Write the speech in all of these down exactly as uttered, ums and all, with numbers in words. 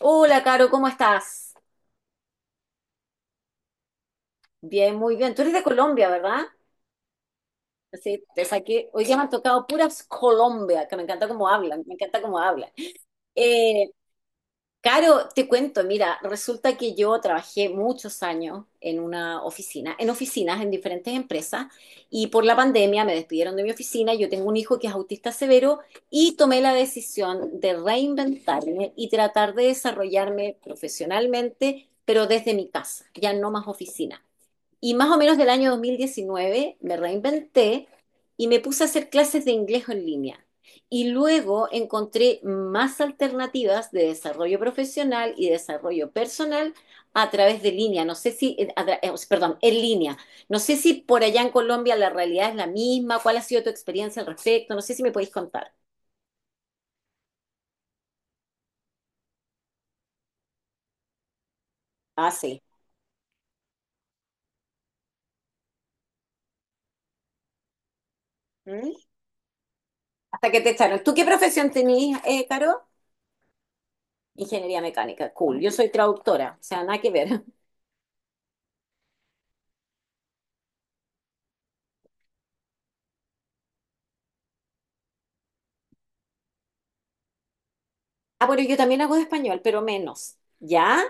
Hola, Caro, ¿cómo estás? Bien, muy bien. Tú eres de Colombia, ¿verdad? Sí, te saqué. Hoy día me han tocado puras Colombia, que me encanta cómo hablan, me encanta cómo hablan. Eh, Caro, te cuento, mira, resulta que yo trabajé muchos años en una oficina, en oficinas, en diferentes empresas, y por la pandemia me despidieron de mi oficina. Yo tengo un hijo que es autista severo y tomé la decisión de reinventarme y tratar de desarrollarme profesionalmente, pero desde mi casa, ya no más oficina. Y más o menos del año dos mil diecinueve me reinventé y me puse a hacer clases de inglés en línea. Y luego encontré más alternativas de desarrollo profesional y desarrollo personal a través de línea. No sé si, eh, a tra- eh, perdón, en línea. No sé si por allá en Colombia la realidad es la misma. ¿Cuál ha sido tu experiencia al respecto? No sé si me podéis contar. Ah, sí. ¿Mm? Hasta que te echaron. ¿Tú qué profesión tenías, eh, Caro? Ingeniería mecánica. Cool. Yo soy traductora. O sea, nada que ver. Ah, bueno, yo también hago de español, pero menos, ¿ya?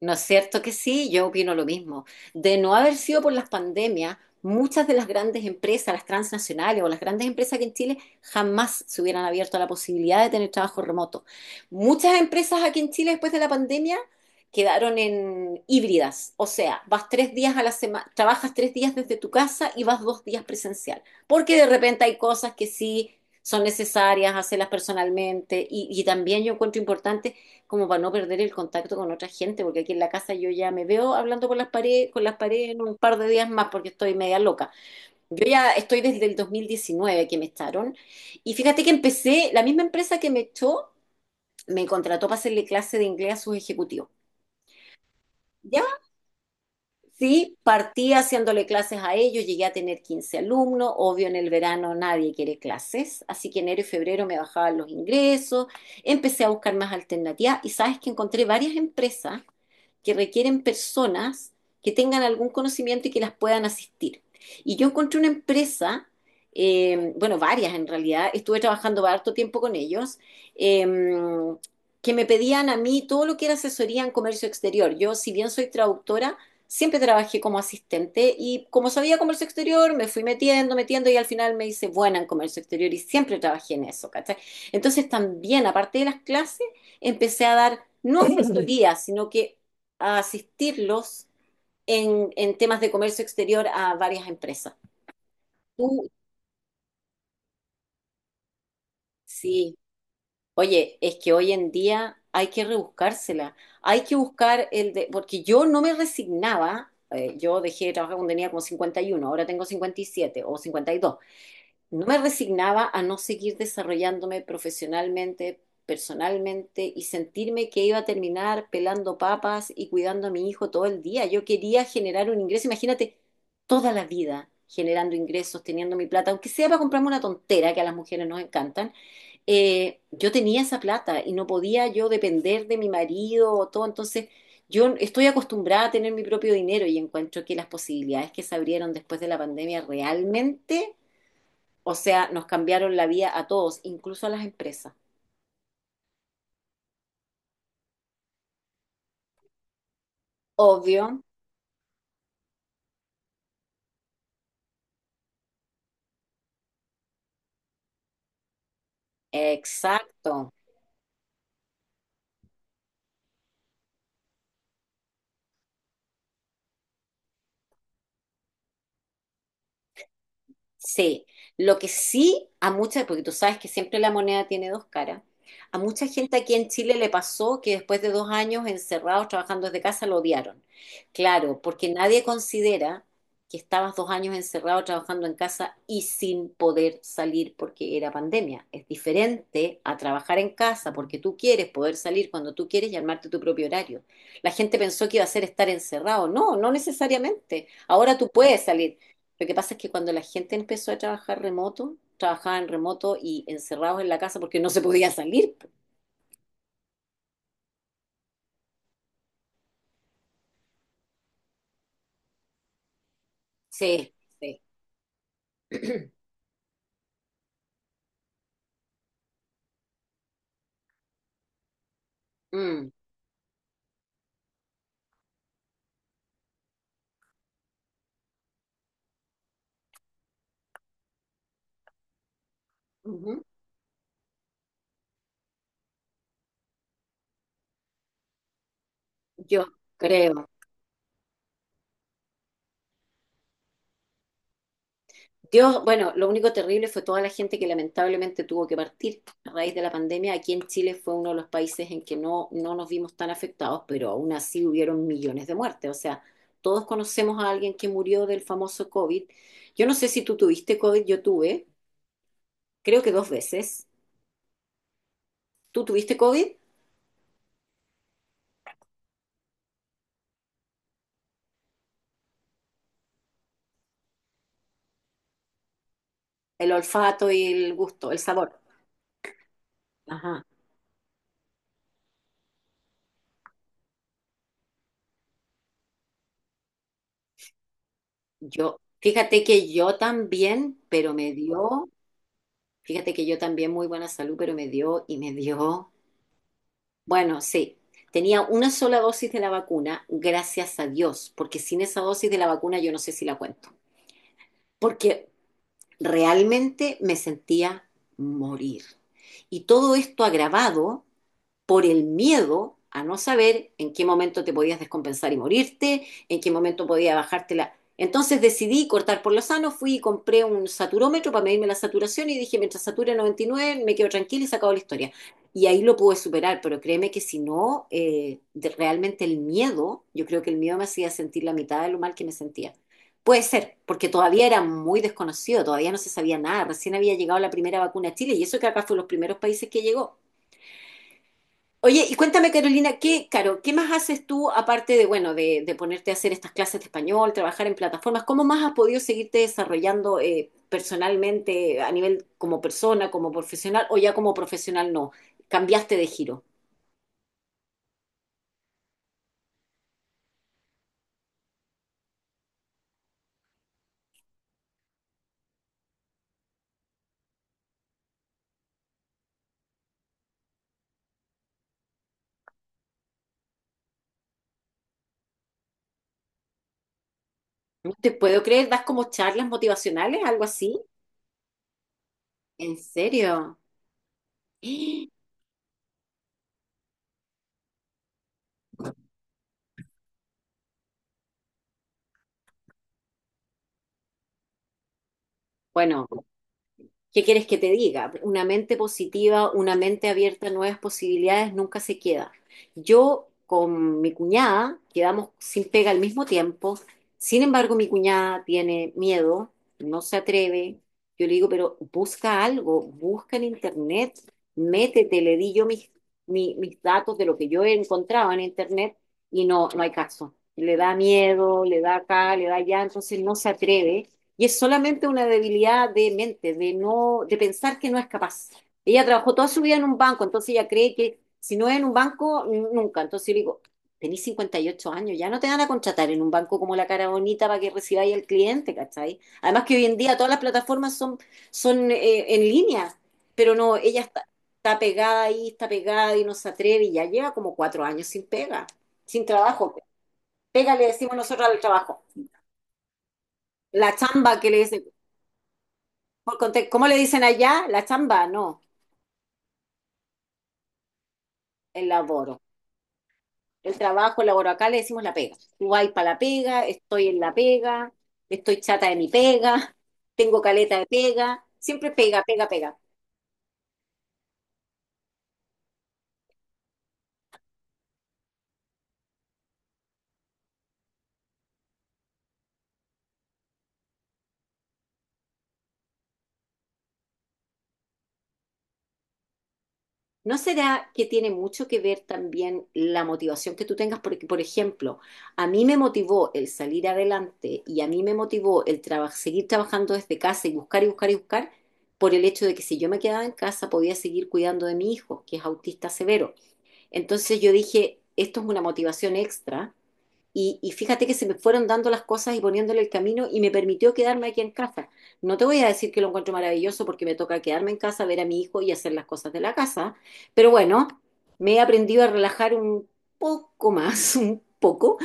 ¿No es cierto que sí? Yo opino lo mismo. De no haber sido por las pandemias, muchas de las grandes empresas, las transnacionales o las grandes empresas que en Chile jamás se hubieran abierto a la posibilidad de tener trabajo remoto. Muchas empresas aquí en Chile después de la pandemia quedaron en híbridas, o sea, vas tres días a la semana, trabajas tres días desde tu casa y vas dos días presencial, porque de repente hay cosas que sí son necesarias hacerlas personalmente y, y también yo encuentro importante como para no perder el contacto con otra gente, porque aquí en la casa yo ya me veo hablando con las paredes, con las paredes en un par de días más porque estoy media loca. Yo ya estoy desde el dos mil diecinueve que me echaron y fíjate que empecé, la misma empresa que me echó me contrató para hacerle clase de inglés a sus ejecutivos. Sí, partí haciéndole clases a ellos, llegué a tener quince alumnos, obvio en el verano nadie quiere clases, así que enero y febrero me bajaban los ingresos, empecé a buscar más alternativas y sabes que encontré varias empresas que requieren personas que tengan algún conocimiento y que las puedan asistir. Y yo encontré una empresa, eh, bueno, varias en realidad, estuve trabajando harto tiempo con ellos, eh, que me pedían a mí todo lo que era asesoría en comercio exterior. Yo, si bien soy traductora, siempre trabajé como asistente y como sabía comercio exterior, me fui metiendo, metiendo y al final me hice buena en comercio exterior y siempre trabajé en eso, ¿cachai? Entonces también, aparte de las clases, empecé a dar, no asesorías, sino que a asistirlos en, en temas de comercio exterior a varias empresas. Tú, sí. Oye, es que hoy en día hay que rebuscársela, hay que buscar el de, porque yo no me resignaba, eh, yo dejé de trabajar cuando tenía como cincuenta y uno, ahora tengo cincuenta y siete o cincuenta y dos. No me resignaba a no seguir desarrollándome profesionalmente, personalmente y sentirme que iba a terminar pelando papas y cuidando a mi hijo todo el día. Yo quería generar un ingreso, imagínate, toda la vida generando ingresos, teniendo mi plata, aunque sea para comprarme una tontera que a las mujeres nos encantan. eh, yo tenía esa plata y no podía yo depender de mi marido o todo. Entonces, yo estoy acostumbrada a tener mi propio dinero y encuentro que las posibilidades que se abrieron después de la pandemia realmente, o sea, nos cambiaron la vida a todos, incluso a las empresas. Obvio, exacto. Sí, lo que sí a muchas, porque tú sabes que siempre la moneda tiene dos caras, a mucha gente aquí en Chile le pasó que después de dos años encerrados trabajando desde casa lo odiaron. Claro, porque nadie considera que estabas dos años encerrado trabajando en casa y sin poder salir porque era pandemia. Es diferente a trabajar en casa porque tú quieres poder salir cuando tú quieres y armarte tu propio horario. La gente pensó que iba a ser estar encerrado. No, no necesariamente. Ahora tú puedes salir. Lo que pasa es que cuando la gente empezó a trabajar remoto, trabajaban remoto y encerrados en la casa porque no se podía salir. Sí. Sí. Mm. Ujú. Yo creo. Dios, bueno, lo único terrible fue toda la gente que lamentablemente tuvo que partir a raíz de la pandemia. Aquí en Chile fue uno de los países en que no, no nos vimos tan afectados, pero aún así hubieron millones de muertes. O sea, todos conocemos a alguien que murió del famoso COVID. Yo no sé si tú tuviste COVID, yo tuve, creo que dos veces. ¿Tú tuviste COVID? El olfato y el gusto, el sabor. Ajá. Yo, fíjate que yo también, pero me dio, fíjate que yo también muy buena salud, pero me dio y me dio. Bueno, sí, tenía una sola dosis de la vacuna, gracias a Dios, porque sin esa dosis de la vacuna yo no sé si la cuento, porque realmente me sentía morir. Y todo esto agravado por el miedo a no saber en qué momento te podías descompensar y morirte, en qué momento podía bajártela. Entonces decidí cortar por lo sano, fui y compré un saturómetro para medirme la saturación y dije, mientras sature noventa y nueve me quedo tranquila y se acabó la historia. Y ahí lo pude superar, pero créeme que si no, eh, de- realmente el miedo, yo creo que el miedo me hacía sentir la mitad de lo mal que me sentía. Puede ser, porque todavía era muy desconocido, todavía no se sabía nada, recién había llegado la primera vacuna a Chile y eso que acá fue los primeros países que llegó. Oye, y cuéntame, Carolina, ¿qué, Caro, qué más haces tú aparte de, bueno, de, de ponerte a hacer estas clases de español, trabajar en plataformas? ¿Cómo más has podido seguirte desarrollando eh, personalmente a nivel como persona, como profesional o ya como profesional no? Cambiaste de giro. No te puedo creer, das como charlas motivacionales, algo así. ¿En serio? Bueno, ¿qué quieres que te diga? Una mente positiva, una mente abierta a nuevas posibilidades nunca se queda. Yo con mi cuñada quedamos sin pega al mismo tiempo. Sin embargo, mi cuñada tiene miedo, no se atreve. Yo le digo, pero busca algo, busca en internet, métete, le di yo mis, mi- mis datos de lo que yo encontraba en internet y no, no hay caso. Le da miedo, le da acá, le da allá, entonces no se atreve. Y es solamente una debilidad de mente, de no, de pensar que no es capaz. Ella trabajó toda su vida en un banco, entonces ella cree que si no es en un banco, n- nunca. Entonces yo le digo, tenés cincuenta y ocho años, ya no te van a contratar en un banco como la cara bonita para que recibáis al cliente, ¿cachai? Además que hoy en día todas las plataformas son, son eh, en línea, pero no, ella está, está pegada ahí, está pegada y no se atreve y ya lleva como cuatro años sin pega, sin trabajo. Pega le decimos nosotros al trabajo. La chamba que le dicen. Por conte- ¿Cómo le dicen allá? La chamba, no, el laboro. El trabajo, el laboro. Acá le decimos la pega. Tú vas para la pega, estoy en la pega, estoy chata de mi pega, tengo caleta de pega. Siempre pega, pega, pega. ¿No será que tiene mucho que ver también la motivación que tú tengas? Porque, por ejemplo, a mí me motivó el salir adelante y a mí me motivó el traba- seguir trabajando desde casa y buscar y buscar y buscar por el hecho de que si yo me quedaba en casa podía seguir cuidando de mi hijo, que es autista severo. Entonces yo dije, esto es una motivación extra. Y, y fíjate que se me fueron dando las cosas y poniéndole el camino y me permitió quedarme aquí en casa. No te voy a decir que lo encuentro maravilloso porque me toca quedarme en casa, ver a mi hijo y hacer las cosas de la casa. Pero bueno, me he aprendido a relajar un poco más, un poco,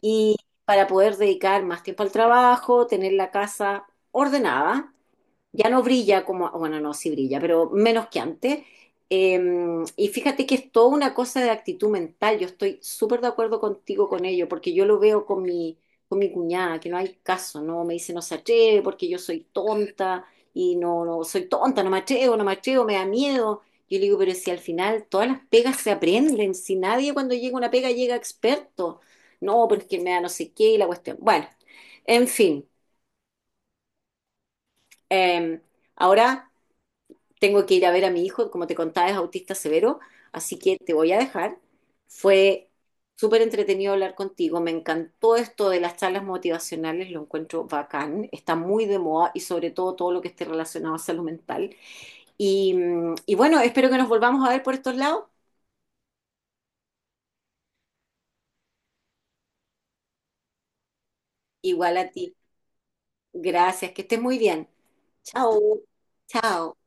y para poder dedicar más tiempo al trabajo, tener la casa ordenada, ya no brilla como, bueno, no, sí brilla, pero menos que antes. Eh, y fíjate que es toda una cosa de actitud mental. Yo estoy súper de acuerdo contigo con ello, porque yo lo veo con mi, con mi cuñada, que no hay caso, ¿no? Me dice no se atreve porque yo soy tonta y no, no soy tonta, no me atrevo, no me atrevo, me da miedo. Yo le digo, pero si al final todas las pegas se aprenden, si nadie cuando llega una pega llega experto. No, porque me da no sé qué y la cuestión. Bueno, en fin. eh, ahora tengo que ir a ver a mi hijo, como te contaba, es autista severo, así que te voy a dejar. Fue súper entretenido hablar contigo, me encantó esto de las charlas motivacionales, lo encuentro bacán, está muy de moda y sobre todo todo lo que esté relacionado a salud mental. Y, mm, y bueno, espero que nos volvamos a ver por estos lados. Igual a ti. Gracias, que estés muy bien. Chao, chao.